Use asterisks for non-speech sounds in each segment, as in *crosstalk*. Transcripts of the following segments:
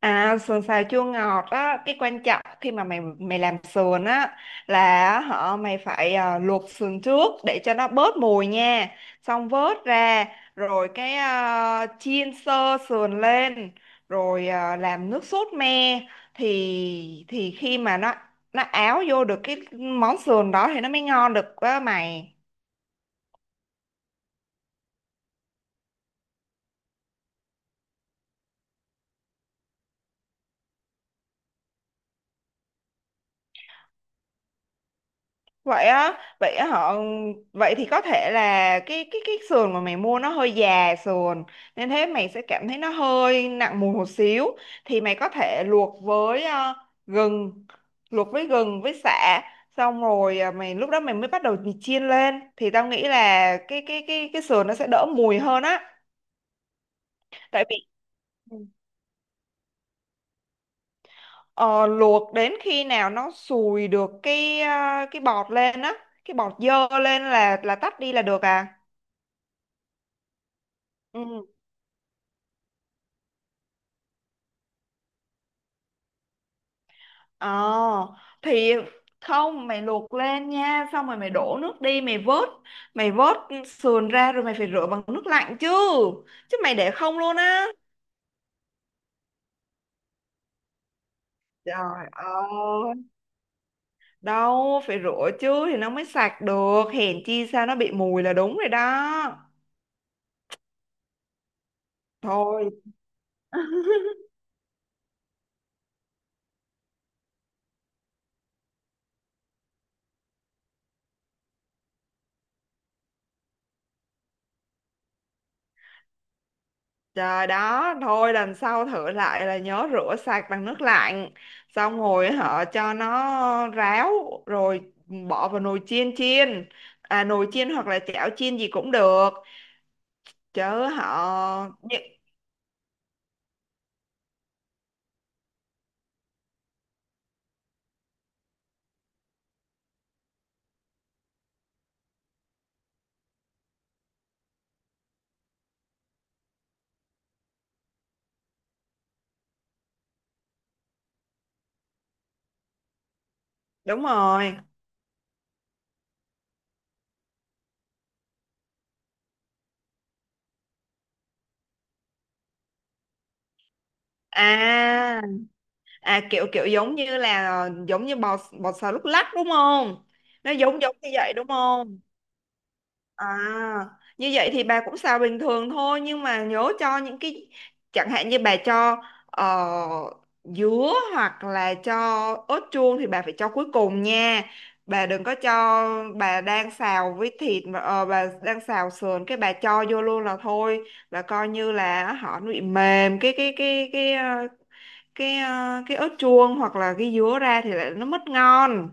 À, sườn xào chua ngọt á, cái quan trọng khi mà mày mày làm sườn á là họ mày phải luộc sườn trước để cho nó bớt mùi nha. Xong vớt ra rồi chiên sơ sườn lên, rồi làm nước sốt me, thì khi mà nó áo vô được cái món sườn đó thì nó mới ngon được á mày. Vậy á, vậy thì có thể là cái sườn mà mày mua nó hơi già sườn, nên thế mày sẽ cảm thấy nó hơi nặng mùi một xíu. Thì mày có thể luộc với gừng, luộc với gừng với sả, xong rồi mày lúc đó mày mới bắt đầu mày chiên lên thì tao nghĩ là cái sườn nó sẽ đỡ mùi hơn á. Tại vì. Ừ. Ờ, luộc đến khi nào nó sùi được cái bọt lên á, cái bọt dơ lên là tắt đi là được à. Ừ. Ờ thì không, mày luộc lên nha. Xong rồi mày đổ nước đi. Mày vớt sườn ra rồi mày phải rửa bằng nước lạnh chứ. Chứ mày để không luôn á. Trời ơi! Đâu phải rửa chứ thì nó mới sạch được. Hèn chi sao nó bị mùi là đúng rồi đó. Thôi. Trời đó, thôi lần sau thử lại là nhớ rửa sạch bằng nước lạnh. Xong rồi họ cho nó ráo, rồi bỏ vào nồi chiên chiên. À, nồi chiên hoặc là chảo chiên gì cũng được. Chứ họ đúng rồi. À à, kiểu kiểu giống như là giống như bò bò xào lúc lắc đúng không? Nó giống giống như vậy đúng không? À, như vậy thì bà cũng xào bình thường thôi, nhưng mà nhớ cho những cái, chẳng hạn như bà cho dứa hoặc là cho ớt chuông thì bà phải cho cuối cùng nha. Bà đừng có cho, bà đang xào với thịt mà bà đang xào sườn cái bà cho vô luôn là thôi, là coi như là họ nó bị mềm cái ớt chuông hoặc là cái dứa ra thì lại nó mất ngon.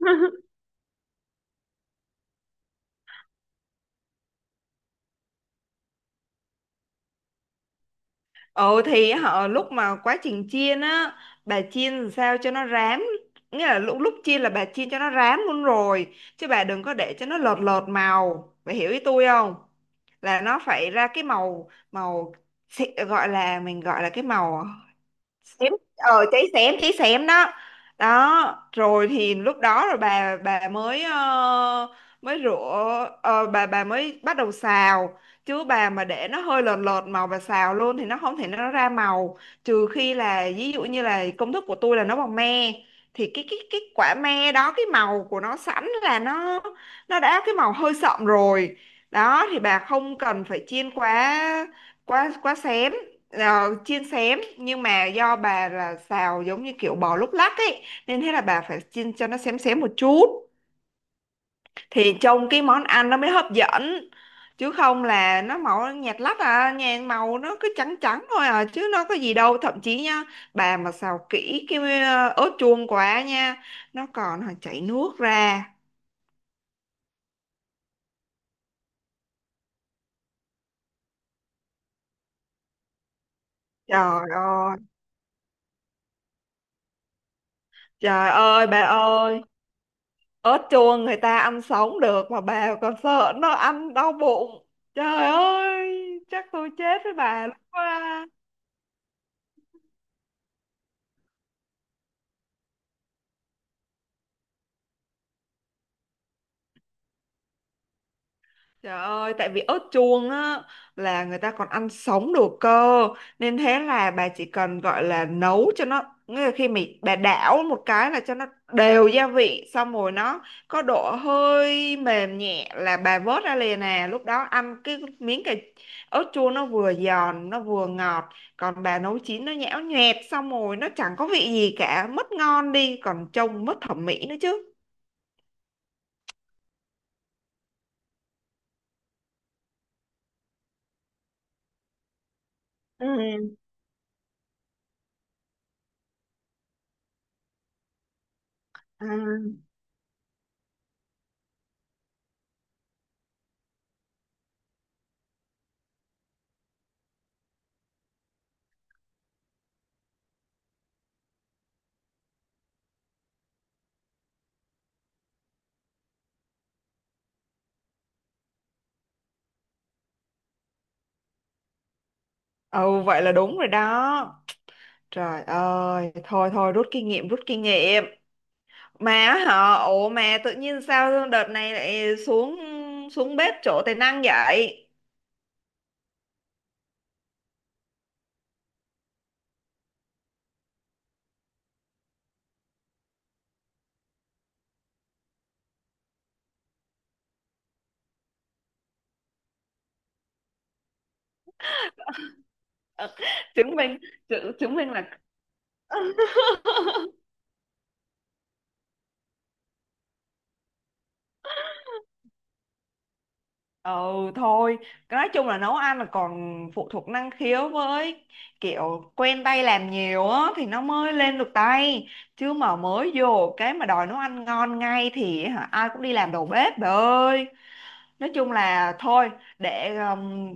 *laughs* Ồ thì họ lúc mà quá trình chiên á, bà chiên làm sao cho nó rám, nghĩa là lúc lúc chiên là bà chiên cho nó rám luôn rồi, chứ bà đừng có để cho nó lợt lợt màu, bà hiểu ý tôi không? Là nó phải ra cái màu màu gọi là cái màu xém. Ờ, cháy xém, cháy xém đó. Đó rồi thì lúc đó rồi bà mới mới rửa, bà mới bắt đầu xào. Chứ bà mà để nó hơi lợt lợt màu và xào luôn thì nó không thể, nó ra màu. Trừ khi là ví dụ như là công thức của tôi là nấu bằng me, thì cái quả me đó cái màu của nó sẵn là nó đã cái màu hơi sậm rồi. Đó thì bà không cần phải chiên quá quá quá xém. Chiên xém, nhưng mà do bà là xào giống như kiểu bò lúc lắc ấy, nên thế là bà phải chiên cho nó xém xém một chút thì trông cái món ăn nó mới hấp dẫn. Chứ không là nó màu nhạt lắc à, nhà màu nó cứ trắng trắng thôi à chứ nó có gì đâu. Thậm chí nha, bà mà xào kỹ cái ớt chuông quá nha, nó còn chảy nước ra. Trời ơi! Trời ơi bà ơi, ớt chuông người ta ăn sống được mà bà còn sợ nó ăn đau bụng. Trời ơi, chắc tôi chết với bà lúc đó. Trời ơi, tại vì ớt chuông á là người ta còn ăn sống được cơ, nên thế là bà chỉ cần gọi là nấu cho nó, nghĩa là khi mình bà đảo một cái là cho nó đều gia vị, xong rồi nó có độ hơi mềm nhẹ là bà vớt ra liền nè. Lúc đó ăn cái miếng cà ớt chuông nó vừa giòn nó vừa ngọt. Còn bà nấu chín nó nhão nhoẹt, xong rồi nó chẳng có vị gì cả, mất ngon đi, còn trông mất thẩm mỹ nữa chứ. Ừ. À. Ừ, vậy là đúng rồi đó. Trời ơi, thôi thôi rút kinh nghiệm, rút kinh nghiệm. Mà hả, ủa mà tự nhiên sao đợt này lại xuống xuống bếp chỗ tài năng vậy? *laughs* Chứng minh chứng minh là ừ. Thôi, nói chung là nấu ăn là còn phụ thuộc năng khiếu với kiểu quen tay làm nhiều á thì nó mới lên được tay. Chứ mà mới vô cái mà đòi nấu ăn ngon ngay thì hả, ai cũng đi làm đầu bếp bà ơi. Nói chung là thôi, để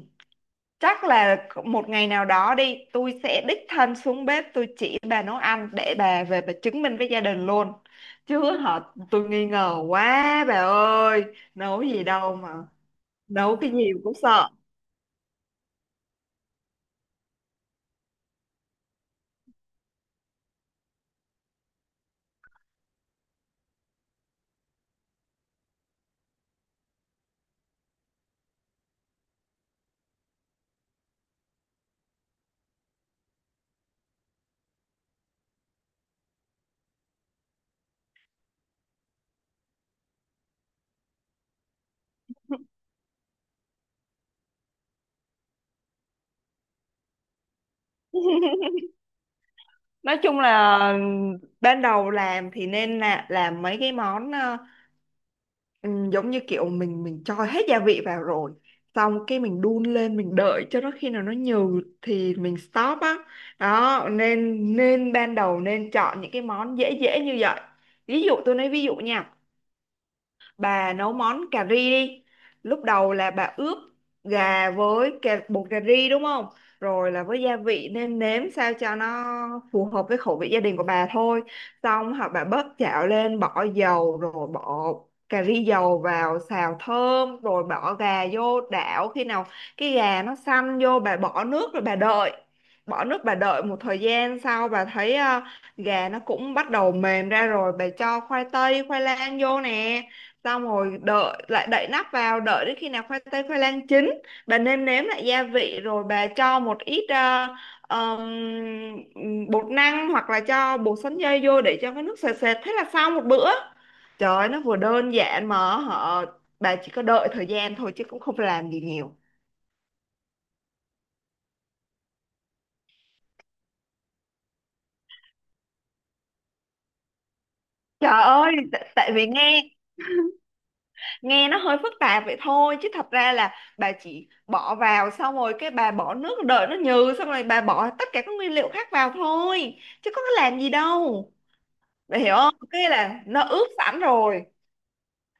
chắc là một ngày nào đó đi tôi sẽ đích thân xuống bếp tôi chỉ bà nấu ăn để bà về bà chứng minh với gia đình luôn. Chứ họ tôi nghi ngờ quá bà ơi, nấu gì đâu mà, nấu cái gì cũng sợ. Nói chung là ban đầu làm thì nên là làm mấy cái món. Ừ, giống như kiểu mình cho hết gia vị vào rồi xong cái mình đun lên mình đợi cho nó khi nào nó nhừ thì mình stop á. Đó nên nên ban đầu nên chọn những cái món dễ dễ như vậy. Ví dụ tôi nói ví dụ nha, bà nấu món cà ri đi. Lúc đầu là bà ướp gà với bột cà ri đúng không, rồi là với gia vị nêm nếm sao cho nó phù hợp với khẩu vị gia đình của bà thôi. Xong hoặc bà bớt chảo lên bỏ dầu, rồi bỏ cà ri dầu vào xào thơm, rồi bỏ gà vô đảo khi nào cái gà nó săn vô bà bỏ nước, rồi bà đợi, bỏ nước bà đợi một thời gian sau bà thấy gà nó cũng bắt đầu mềm ra rồi bà cho khoai tây khoai lang vô nè. Xong rồi đợi lại, đậy nắp vào đợi đến khi nào khoai tây khoai lang chín, bà nêm nếm lại gia vị rồi bà cho một ít ờm, bột năng hoặc là cho bột sắn dây vô để cho cái nước sệt sệt, thế là xong một bữa. Trời ơi, nó vừa đơn giản mà họ bà chỉ có đợi thời gian thôi chứ cũng không phải làm gì nhiều. Trời ơi, tại vì nghe nghe nó hơi phức tạp vậy thôi, chứ thật ra là bà chỉ bỏ vào xong rồi cái bà bỏ nước đợi nó nhừ, xong rồi bà bỏ tất cả các nguyên liệu khác vào thôi chứ có cái làm gì đâu. Bà hiểu không, cái là nó ướp sẵn rồi,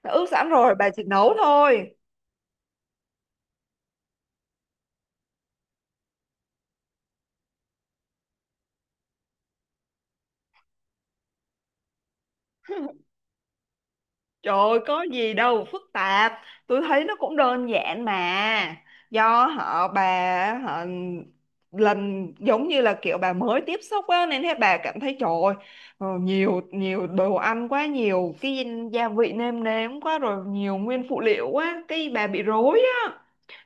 nó ướp sẵn rồi, bà chỉ nấu thôi. Trời ơi, có gì đâu phức tạp, tôi thấy nó cũng đơn giản mà. Do họ bà họ lần giống như là kiểu bà mới tiếp xúc á, nên thế bà cảm thấy trời ơi, nhiều nhiều đồ ăn quá, nhiều cái gia vị nêm nếm quá, rồi nhiều nguyên phụ liệu quá, cái bà bị rối á.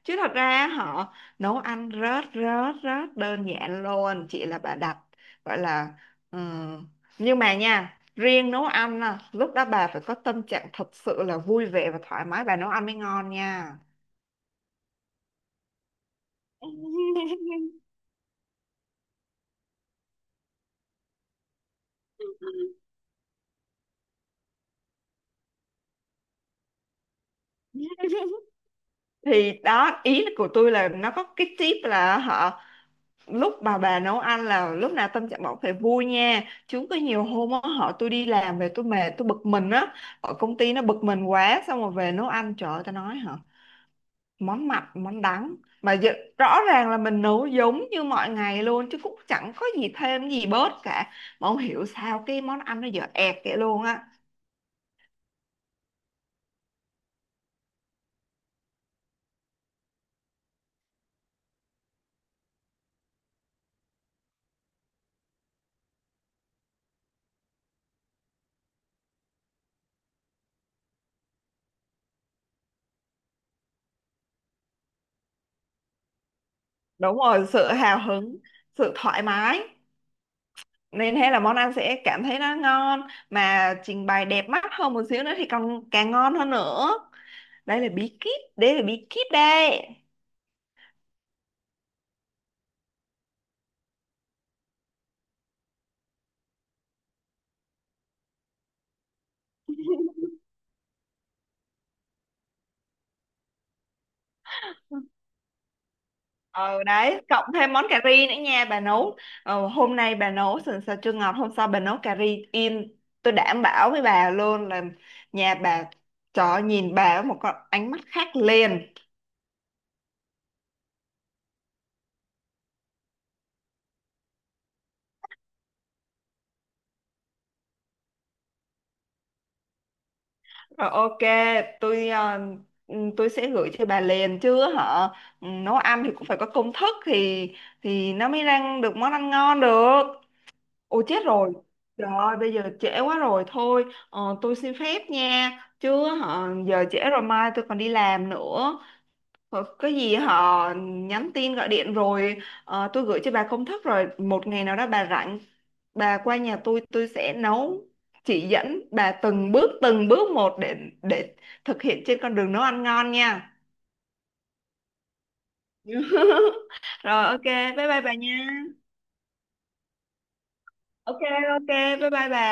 Chứ thật ra họ nấu ăn rất rất rất đơn giản luôn, chỉ là bà đặt gọi là ừm, nhưng mà nha riêng nấu ăn á, lúc đó bà phải có tâm trạng thật sự là vui vẻ và thoải mái bà nấu ăn mới ngon nha. *laughs* Thì đó ý của tôi là nó có cái tip là họ lúc bà nấu ăn là lúc nào tâm trạng bọn phải vui nha. Chứ có nhiều hôm á họ tôi đi làm về tôi mệt tôi bực mình á, ở công ty nó bực mình quá xong rồi về nấu ăn trời ơi tao nói hả, món mặn món đắng, mà rõ ràng là mình nấu giống như mọi ngày luôn chứ cũng chẳng có gì thêm gì bớt cả, mà không hiểu sao cái món ăn nó dở ẹt vậy luôn á. Đúng rồi, sự hào hứng, sự thoải mái, nên thế là món ăn sẽ cảm thấy nó ngon, mà trình bày đẹp mắt hơn một xíu nữa thì còn càng ngon hơn nữa. Đây là bí kíp, đây là bí kíp đây. Ờ Đấy cộng thêm món cà ri nữa nha bà nấu. Hôm nay bà nấu sườn xào chua ngọt, hôm sau bà nấu cà ri in, tôi đảm bảo với bà luôn là nhà bà cho nhìn bà với một con ánh mắt khác liền. Rồi ok, tôi tôi sẽ gửi cho bà liền. Chứ họ nấu ăn thì cũng phải có công thức thì nó mới ra được món ăn ngon được. Ồ chết rồi! Trời ơi bây giờ trễ quá rồi. Thôi tôi xin phép nha. Chứ hả, giờ trễ rồi mai tôi còn đi làm nữa. Ờ, cái gì họ nhắn tin gọi điện rồi. Tôi gửi cho bà công thức rồi. Một ngày nào đó bà rảnh, bà qua nhà tôi sẽ nấu, chỉ dẫn bà từng bước một. Để thực hiện trên con đường nấu ăn ngon nha. *laughs* Rồi ok, bye bye bà nha. Ok ok bye bye bà.